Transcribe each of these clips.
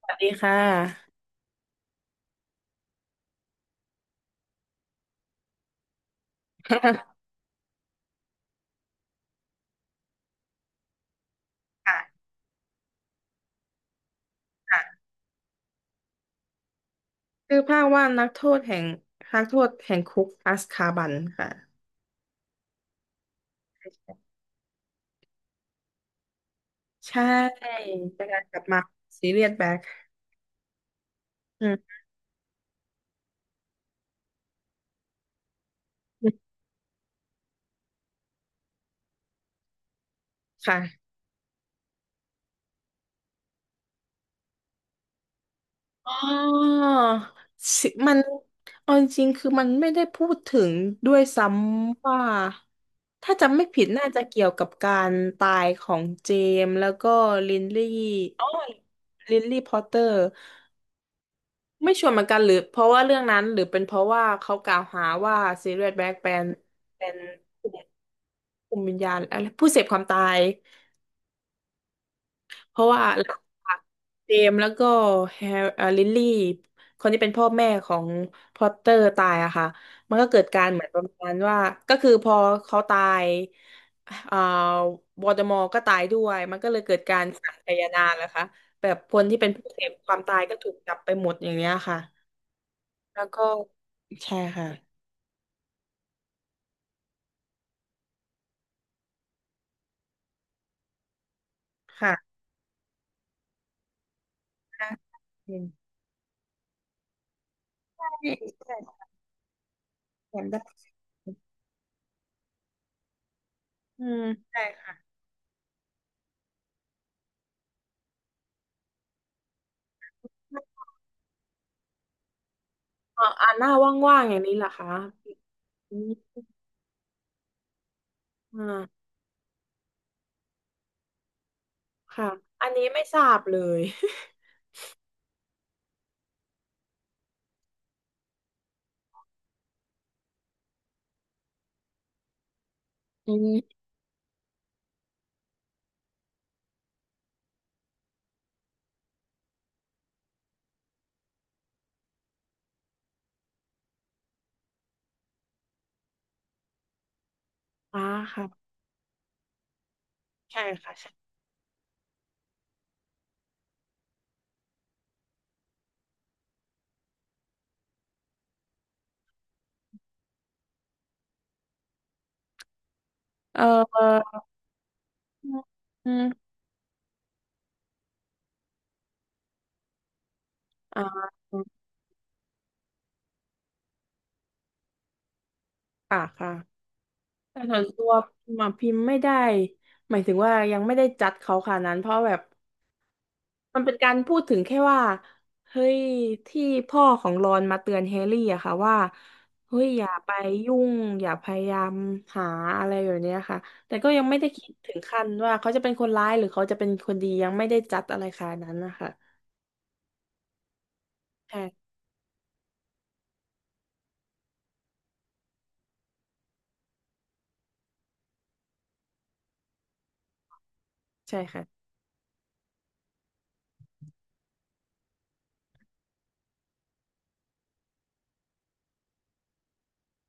สวัสดีค่ะ ค่ะค่ะชื่อภาคว่านักโทษแห่งคุกอัสคาบันค่ะใช่เป็นการกลับมาซีเรียสแบ็คอืมค่ะอ๋อสิมันเอาจริงๆคือมันไม่ได้พูดถึงด้วยซ้ำว่าถ้าจำไม่ผิดน่าจะเกี่ยวกับการตายของเจมส์แล้วก็ลินลี่อ๋อลินลี่พอตเตอร์ ไม่ชวนเหมือนกันหรือเพราะว่าเรื่องนั้นหรือเป็นเพราะว่าเขากล่าวหาว่าซีเรียสแบล็กเป็นผู้คุมวิญญาณอะไรผู้เสพความตายเพราะว่าหลังจากเจมส์แล้วก็แฮร์ลิลลี่คนที่เป็นพ่อแม่ของพอตเตอร์ตายอะค่ะมันก็เกิดการเหมือนประมาณว่าก็คือพอเขาตายเอ่อวอลเดอมอร์ก็ตายด้วยมันก็เลยเกิดการสังคายนานะคะแบบคนที่เป็นผู้เสพความตายก็ถูกจับไปหมดอย่างเนี้ยค่ะแล้วก็ใช่ค่ะ ค่ะได้อืมได้แถมได้อืมใช่ค่ะอ่าอ่าหน้าว่างๆอย่างนี้เหรอคะอืมอ่าค่ะอันนี้ไม่ทราบเลย อืมอ่าค่ะใช่ค่ะใช่เอออืมอืมอ่าค่ะค่ะแต่ส่วนตัวพิมพ์อะพิมพ์ไม่ได้หมายถึงว่ายังไม่ได้จัดเขาขนาดนั้นเพราะแบบ มันเป็นการพูดถึงแค่ว่าเฮ้ยที่พ่อของรอนมาเตือนแฮร์รี่อะค่ะว่าเฮ้ยอย่าไปยุ่งอย่าพยายามหาอะไรแบบเนี้ยค่ะแต่ก็ยังไม่ได้คิดถึงขั้นว่าเขาจะเป็นคนร้ายหรือเขาจะเป็นคนดียังไม่ได้จัดอะไรขนาดนั้นนะคะใช่ใช่ค่ะ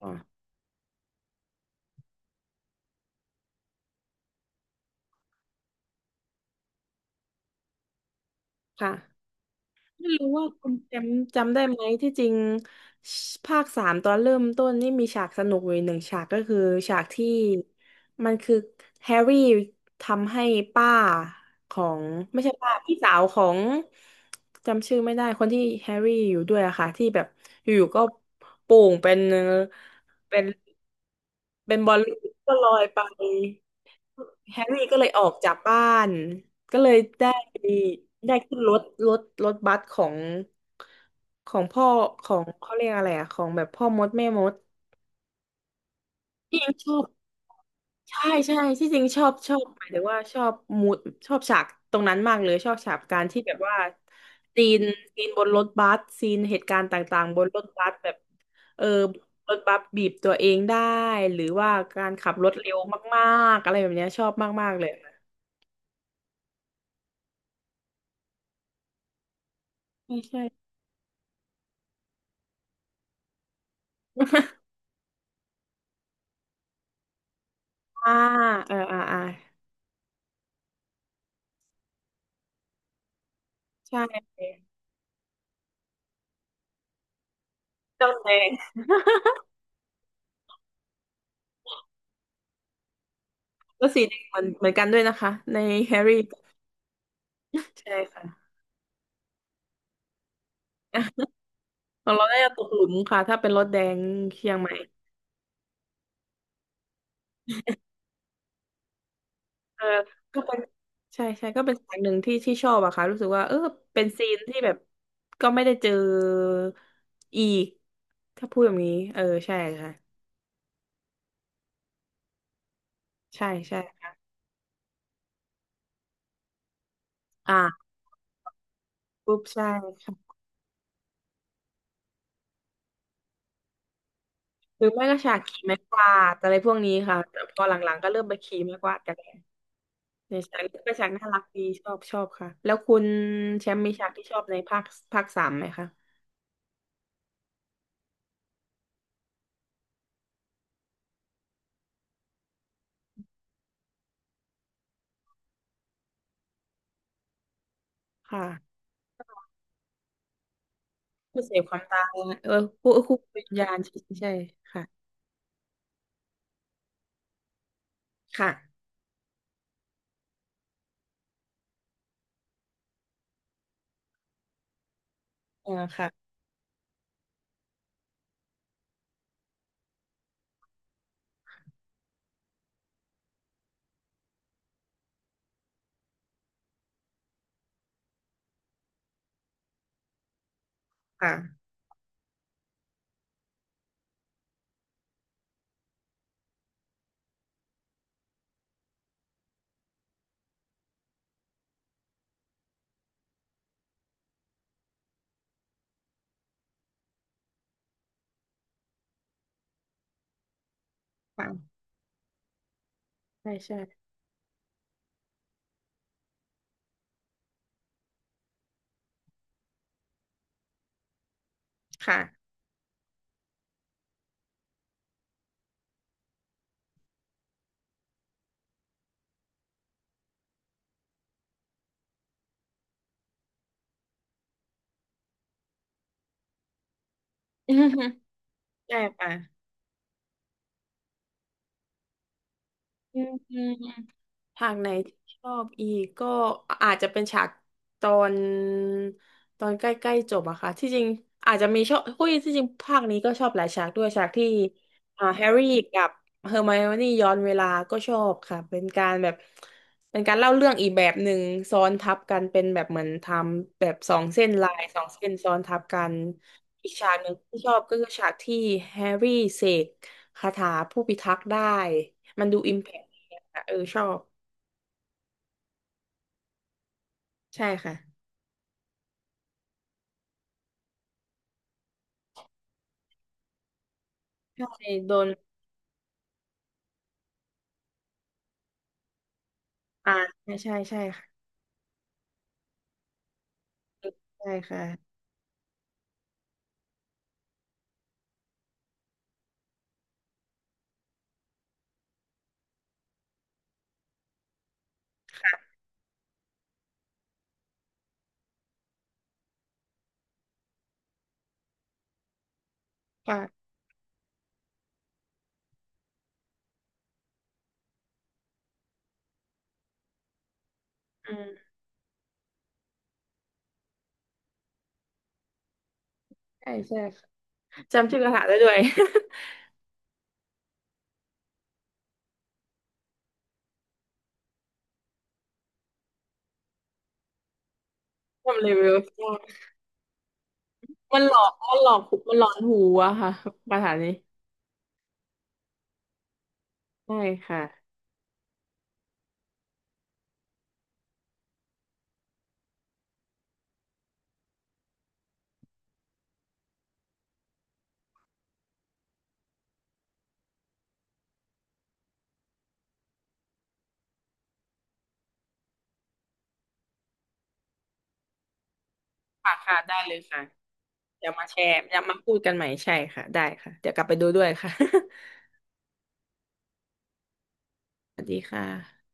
อ๋อค่ะ ไม่รู้ว่าคุณแชมป์จำได้ไหมที่จริงภาคสามตอนเริ่มต้นนี่มีฉากสนุกอยู่หนึ่งฉากก็คือฉากที่มันคือแฮร์รี่ทำให้ป้าของไม่ใช่ป้าพี่สาวของจำชื่อไม่ได้คนที่แฮร์รี่อยู่ด้วยอะค่ะที่แบบอยู่ๆก็โป่งเป็นเป็นบอลลูนก็ลอยไป แฮร์รี่ก็เลยออกจากบ้านก็เลยได้ได้ขึ้นรถรถบัสของพ่อของเขาเรียกอะไรอะของแบบพ่อมดแม่มดที่จริงชอบใช่ใช่ที่จริงชอบชอบหมายถึงว่าชอบมูดชอบฉากตรงนั้นมากเลยชอบฉากการที่แบบว่าซีนซีนบนรถบัสซีนเหตุการณ์ต่างๆบนรถบัสแบบเออรถบัสบีบตัวเองได้หรือว่าการขับรถเร็วมากๆอะไรแบบเนี้ยชอบมากๆเลยไม่ใช่ อ่าเอออ่าอ่าใช่เจ้าแดงก็สีแดงเหมือนเหมือนกันด้วยนะคะในแฮร์รี่ใช่ค่ะของเราได้ตกหลุมค่ะถ้าเป็นรถแดงเชียงใหม่เออก็เป็นใช่ใช่ก็เป็นสายหนึ่งที่ที่ชอบอะค่ะรู้สึกว่าเออเป็นซีนที่แบบก็ไม่ได้เจออีกถ้าพูดแบบนี้เออใช่ค่ะใช่ใช่อ่าปุ๊บใช่ค่ะหรือไม่ก็ฉากขี่ไม้กวาดอะไรพวกนี้ค่ะแต่พอหลังๆก็เริ่มไปขี่ไม้กวาดกัน ในฉากนี้ก็เป็นฉากน่ารักดีชอบชอบค่ะ แล้วคุณแชมป์มีฉากที่ชอบในภาคสามไหมคะค่ะผู้เสพความตายเออผู้วิญญาณใช่ใช่ค่ะ ค่ะเออค่ะค่ะ ค่ะ ใช่ใช่ค่ะ ใช่ค่ะอืมอืม ฉากไหนที่ชอบอีกก็อาจจะเป็นฉากตอนตอนใกล้ๆจบอะค่ะที่จริงอาจจะมีชอบคุยที่จริงภาคนี้ก็ชอบหลายฉากด้วยฉากที่อ่าแฮร์รี่กับเฮอร์ไมโอนี่ย้อนเวลาก็ชอบค่ะเป็นการแบบเป็นการเล่าเรื่องอีกแบบหนึ่งซ้อนทับกันเป็นแบบเหมือนทำแบบสองเส้นลายสองเส้นซ้อนทับกันอีกฉากหนึ่งที่ชอบก็คือฉากที่แฮร์รี่เสกคาถาผู้พิทักษ์ได้มันดูอิมแพคดีอะค่ะเออชอบ ใช่ค่ะใช่โดนอ่าใช่ใช่ใช่ค่ะใช่ค่ะค่ะอืมใช่ใช่ค่ะจำชื่อกระถาได้ด้วย ทำเลเวลใช่มันหลอกมันหลอกหมันหลอนหูอะค่ะคาถานี้ใช่ค่ะค่ะค่ะได้เลยค่ะเดี๋ยวมาแชร์เดี๋ยวมาพูดกันใหม่ใช่ค่ะได้ค่ะเดี๋ยวกลับไปดูด้วยค่ะ สวัสดีค่ะ